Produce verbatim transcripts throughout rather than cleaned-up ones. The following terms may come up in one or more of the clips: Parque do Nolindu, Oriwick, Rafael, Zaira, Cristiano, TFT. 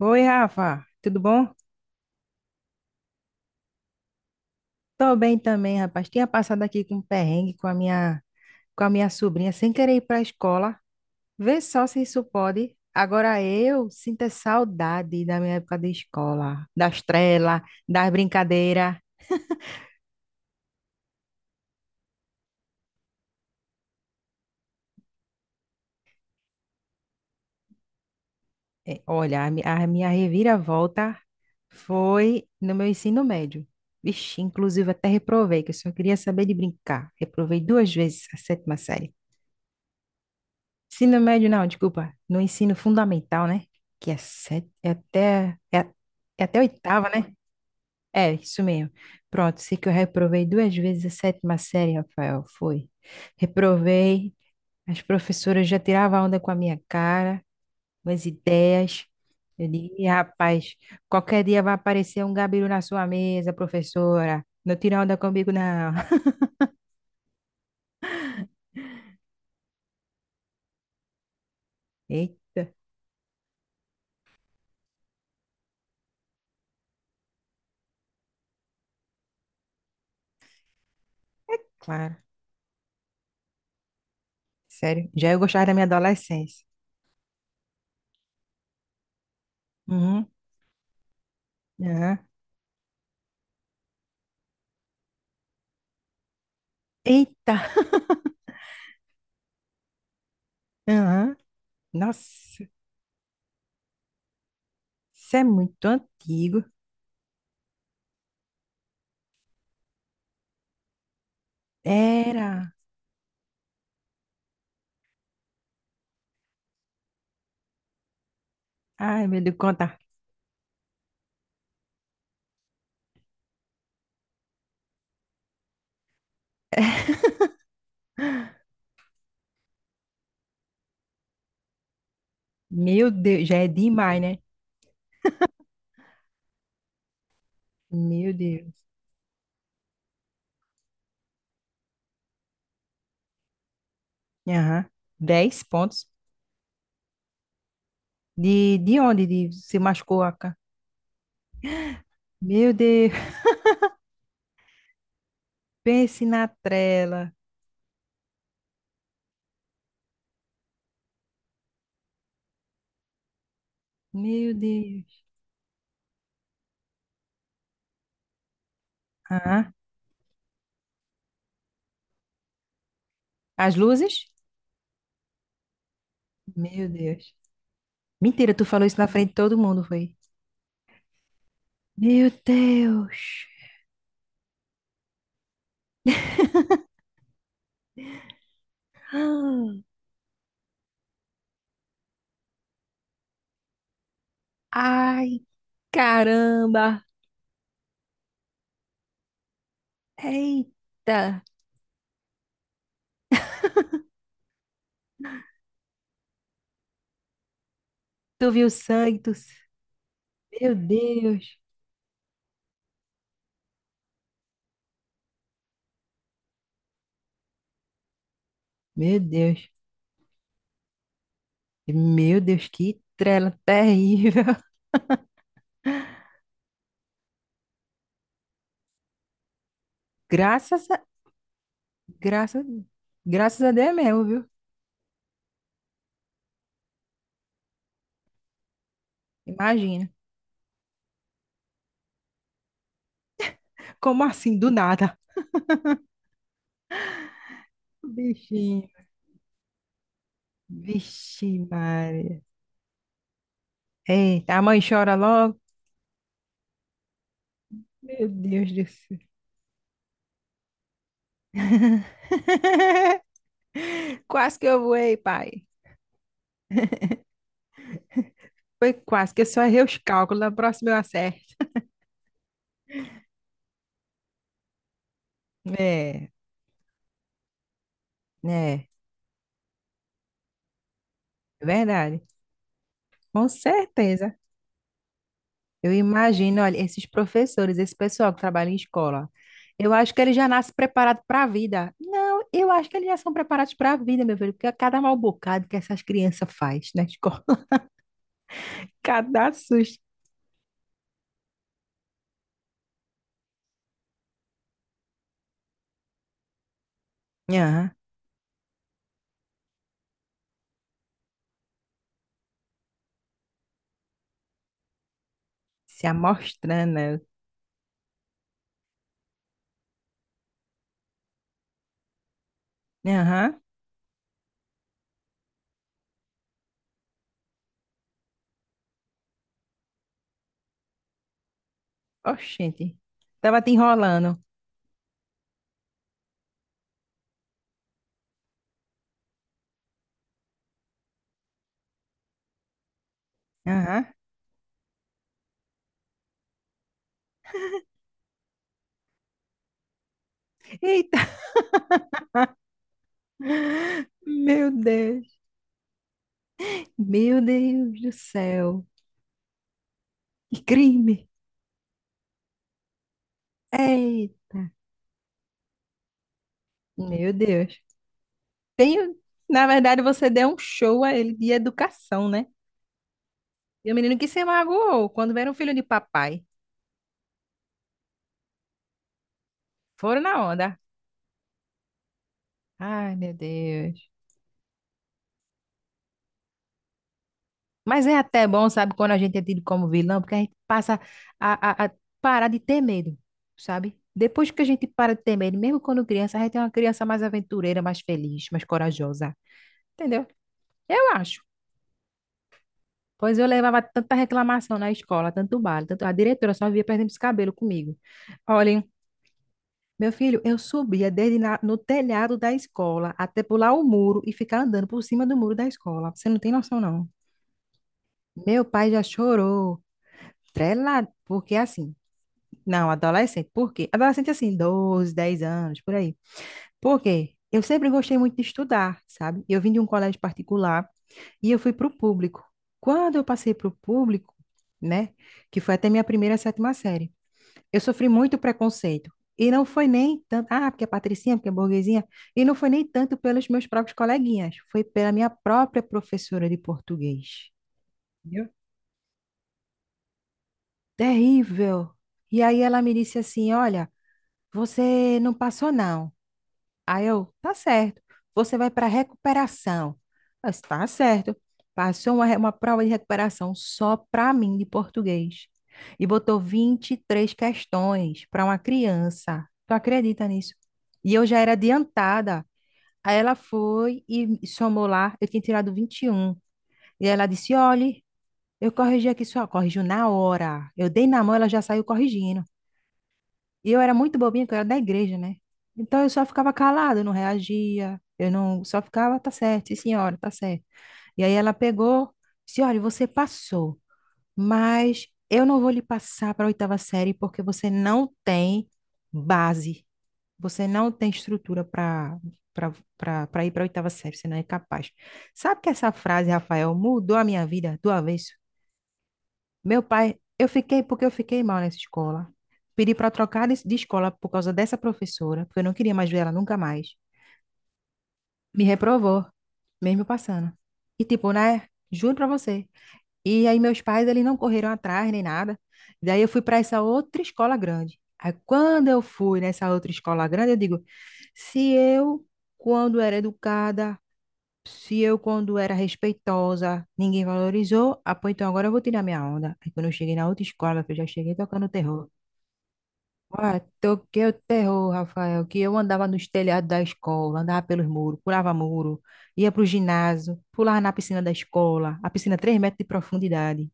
Oi, Rafa, tudo bom? Tô bem também, rapaz. Tinha passado aqui com um perrengue com a minha, com a minha sobrinha, sem querer ir para a escola. Vê só se isso pode. Agora eu sinto a saudade da minha época de escola, das trelas, das brincadeiras. É, olha, a, mi- a minha reviravolta foi no meu ensino médio. Vixe, inclusive até reprovei, que eu só queria saber de brincar. Reprovei duas vezes a sétima série. Ensino médio, não, desculpa. No ensino fundamental, né? Que é sete, é até, é, a- é até a oitava, né? É, isso mesmo. Pronto, sei que eu reprovei duas vezes a sétima série, Rafael, foi. Reprovei, as professoras já tiravam onda com a minha cara, umas ideias. Eu digo, "Ih, rapaz, qualquer dia vai aparecer um gabiru na sua mesa, professora. Não tira onda comigo, não." Eita, é claro, sério. Já eu gostava da minha adolescência. Uhum. Aham. Eita. Aham. Nossa, isso é muito antigo. Era. Ai, meu Deus, conta. Meu Deus, já é demais, né? Meu Deus. Aham. Dez pontos. De, de onde de, se machucou a cara? Meu Deus, pense na trela. Meu Deus. Aham. As luzes? Meu Deus. Mentira, tu falou isso na frente de todo mundo, foi? Meu Deus. Ah, ai, caramba. Eita. Tu viu sangue, tu. Meu Deus, meu Deus, meu Deus, que trela terrível. Graças a, graças, graças a Deus mesmo, viu? Imagina. Como assim, do nada? Bichinho, vixe, Maria. Eita, a mãe chora logo. Meu Deus do céu. Quase que eu voei, pai. Foi quase que eu só errei os cálculos. Na próxima eu acerto. É, é, é verdade. Com certeza. Eu imagino, olha, esses professores, esse pessoal que trabalha em escola, eu acho que eles já nascem preparados para a vida. Não, eu acho que eles já são preparados para a vida, meu filho, porque a cada mal bocado que essas crianças faz na escola, cada susto. Aham, se amostrando, né? Aham, oxente, tava te enrolando. Aham, eita. Meu Deus, meu Deus do céu, que crime. Ei, meu Deus. Tem, na verdade, você deu um show a ele de educação, né? E o menino que se magoou quando vieram um filho de papai. Foram na onda. Ai, meu Deus. Mas é até bom, sabe, quando a gente é tido como vilão, porque a gente passa a, a, a parar de ter medo, sabe? Depois que a gente para de ter medo, mesmo quando criança, a gente é uma criança mais aventureira, mais feliz, mais corajosa. Entendeu? Eu acho. Pois eu levava tanta reclamação na escola, tanto bala, tanto, a diretora só via perdendo os cabelos comigo. Olhem. Meu filho, eu subia dele na- no telhado da escola até pular o muro e ficar andando por cima do muro da escola. Você não tem noção, não. Meu pai já chorou, trelado, porque assim, não, adolescente, por quê? Adolescente assim, doze, dez anos, por aí. Por quê? Eu sempre gostei muito de estudar, sabe? Eu vim de um colégio particular e eu fui para o público. Quando eu passei para o público, né, que foi até minha primeira sétima série, eu sofri muito preconceito. E não foi nem tanto, ah, porque é patricinha, porque é burguesinha. E não foi nem tanto pelos meus próprios coleguinhas. Foi pela minha própria professora de português. Entendeu? Terrível. E aí ela me disse assim: olha, você não passou, não. Aí eu, tá certo. Você vai para recuperação. Eu disse, tá certo. Passou uma, re- uma prova de recuperação só para mim de português. E botou vinte e três questões para uma criança. Tu acredita nisso? E eu já era adiantada. Aí ela foi e somou lá. Eu tinha tirado vinte e um. E um. E ela disse: olhe, eu corrigi aqui só. Corrigiu na hora. Eu dei na mão, ela já saiu corrigindo. E eu era muito bobinha, porque eu era da igreja, né? Então eu só ficava calada, eu não reagia, eu não, só ficava, tá certo, sim, senhora, tá certo. E aí ela pegou, disse, olha, você passou, mas eu não vou lhe passar para a oitava série porque você não tem base, você não tem estrutura para para para ir para a oitava série, você não é capaz. Sabe que essa frase, Rafael, mudou a minha vida do avesso? Meu pai, eu fiquei porque eu fiquei mal nessa escola. Pedi para trocar de de escola por causa dessa professora, porque eu não queria mais ver ela nunca mais. Me reprovou, mesmo passando. E tipo, né? Juro para você. E aí meus pais, eles não correram atrás nem nada. Daí eu fui para essa outra escola grande. Aí quando eu fui nessa outra escola grande, eu digo, se eu, quando era educada, se eu, quando era respeitosa, ninguém valorizou, ah, pô, então agora eu vou tirar minha onda. Aí quando eu cheguei na outra escola, eu já cheguei tocando terror. Ah, toquei o terror, Rafael, que eu andava nos telhados da escola, andava pelos muros, pulava muro, ia pro ginásio, pulava na piscina da escola, a piscina três metros de profundidade.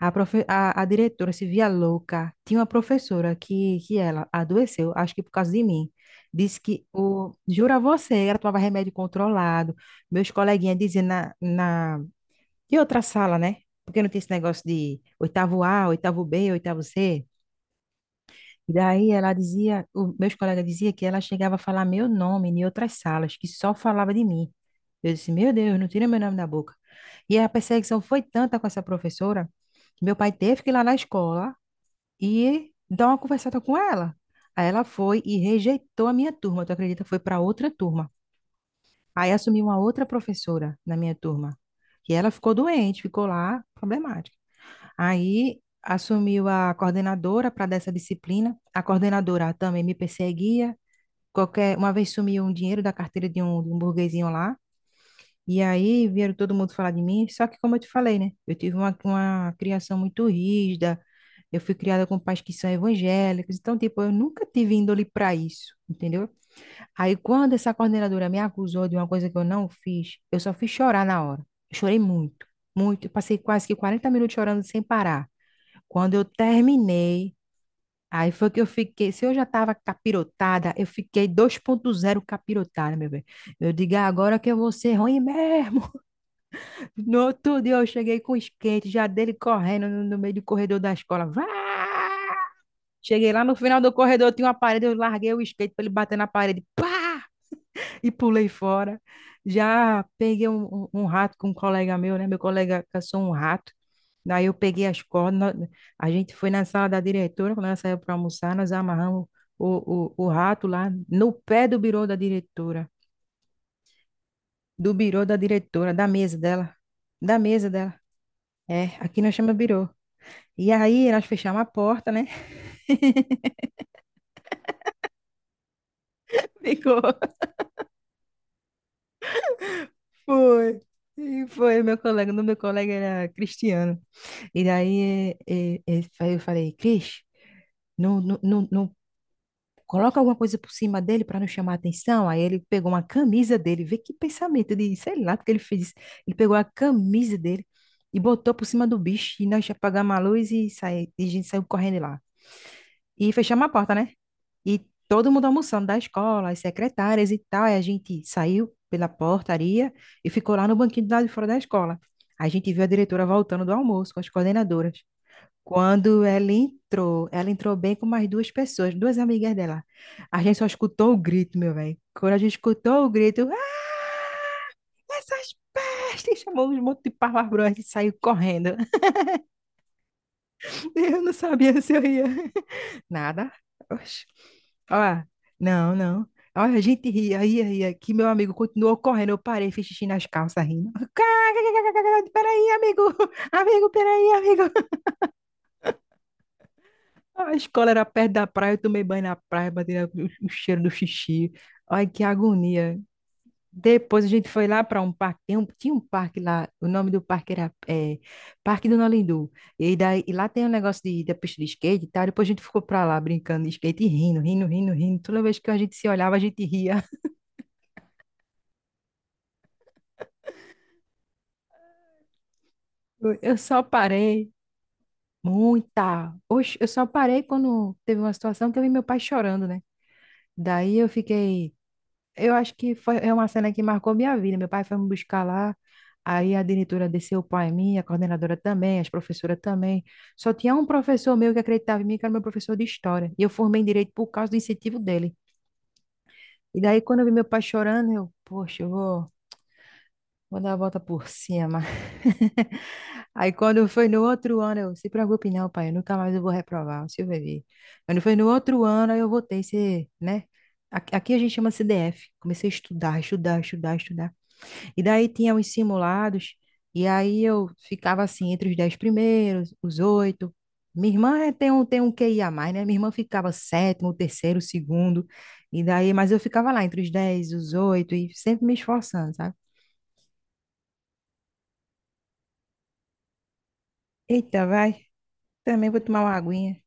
A, profe- a, a diretora se via louca. Tinha uma professora que, que ela adoeceu, acho que por causa de mim. Disse que, o, jura você, ela tomava remédio controlado. Meus coleguinhas diziam na, na... E outra sala, né? Porque não tinha esse negócio de oitavo A, oitavo B, oitavo C. E daí ela dizia, o, meus colegas diziam que ela chegava a falar meu nome em outras salas, que só falava de mim. Eu disse, meu Deus, não tira meu nome da boca. E a perseguição foi tanta com essa professora, que meu pai teve que ir lá na escola e dar uma conversada com ela. Aí ela foi e rejeitou a minha turma, tu acredita? Foi para outra turma. Aí assumiu uma outra professora na minha turma. E ela ficou doente, ficou lá, problemática. Aí assumiu a coordenadora para dessa disciplina. A coordenadora também me perseguia. Qualquer, uma vez sumiu um dinheiro da carteira de um, de um burguesinho lá. E aí vieram todo mundo falar de mim, só que como eu te falei, né? Eu tive uma, uma criação muito rígida, eu fui criada com pais que são evangélicos, então, tipo, eu nunca tive índole para isso, entendeu? Aí quando essa coordenadora me acusou de uma coisa que eu não fiz, eu só fiz chorar na hora. Eu chorei muito, muito, eu passei quase que quarenta minutos chorando sem parar. Quando eu terminei, aí foi que eu fiquei, se eu já estava capirotada, eu fiquei dois ponto zero capirotada, meu bem. Eu digo, "Ah, agora que eu vou ser ruim mesmo." No outro dia eu cheguei com o skate, já dele correndo no, no meio do corredor da escola. Vá! Cheguei lá no final do corredor, tinha uma parede, eu larguei o skate para ele bater na parede. Pá! E pulei fora. Já peguei um, um- um rato com um colega meu, né? Meu colega caçou um rato. Daí eu peguei as cordas, nó- a gente foi na sala da diretora, quando ela saiu para almoçar, nós amarramos o, o, o rato lá no pé do birô da diretora, do birô da diretora, da mesa dela, da mesa dela. É, aqui nós chama birô. E aí nós fechamos a porta, né? Ficou. Foi. E foi meu colega. O meu colega era Cristiano. E daí eh, eh, eh, eu falei, Cris, não, não, não, não coloca alguma coisa por cima dele para não chamar a atenção. Aí ele pegou uma camisa dele. Vê que pensamento de, sei lá, porque ele fez isso. Ele pegou a camisa dele e botou por cima do bicho. E nós apagamos a luz e, saí, e a gente saiu correndo lá. E fechamos a porta, né? E todo mundo almoçando da escola, as secretárias e tal. Aí a gente saiu pela portaria e ficou lá no banquinho do lado de fora da escola. A gente viu a diretora voltando do almoço com as coordenadoras. Quando ela entrou, ela entrou bem com mais duas pessoas, duas amigas dela. A gente só escutou o grito, meu velho. Quando a gente escutou o grito, ah, essas pestes! Chamou um monte de palavrões e saiu correndo. Eu não sabia se eu ia. Nada. Oxe. Ó, não, não. Olha, a gente ria, ria, ria. Que meu amigo continuou correndo. Eu parei, fiz xixi nas calças rindo. Peraí, amigo. Amigo, peraí, amigo. A escola era perto da praia. Eu tomei banho na praia, bati o o cheiro do xixi. Ai, que agonia. Depois a gente foi lá para um parque, tem um- tinha um parque lá, o nome do parque era eh, Parque do Nolindu. E, daí, e lá tem um negócio de, da pista de skate e tal. Depois a gente ficou para lá brincando de skate e rindo, rindo, rindo, rindo. Toda vez que a gente se olhava, a gente ria. Eu eu só parei, muita. Oxe, eu só parei quando teve uma situação que eu vi meu pai chorando, né? Daí eu fiquei, eu acho que foi é uma cena que marcou minha vida. Meu pai foi me buscar lá, aí a diretora desceu o pai em mim, a coordenadora também, as professoras também. Só tinha um professor meu que acreditava em mim, que era meu professor de história. E eu formei em direito por causa do incentivo dele. E daí, quando eu vi meu pai chorando, eu, poxa, eu vou, vou dar a volta por cima. Aí, quando foi no outro ano, eu, se preocupe não, pai, eu nunca mais eu vou reprovar, o senhor vai ver. Quando foi no outro ano, aí eu voltei, ser, né? Aqui aqui a gente chama C D F. Comecei a estudar, estudar, estudar, estudar. E daí tinha os simulados, e aí eu ficava assim entre os dez primeiros, os oito. Minha irmã é- tem um, tem um Q I a mais, né? Minha irmã ficava sétimo, terceiro, segundo, e daí, mas eu ficava lá entre os dez os oito, e sempre me esforçando, sabe? Eita, vai, também vou tomar uma aguinha.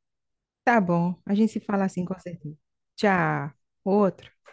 Tá bom, a gente se fala assim com certeza. Tchau, outro.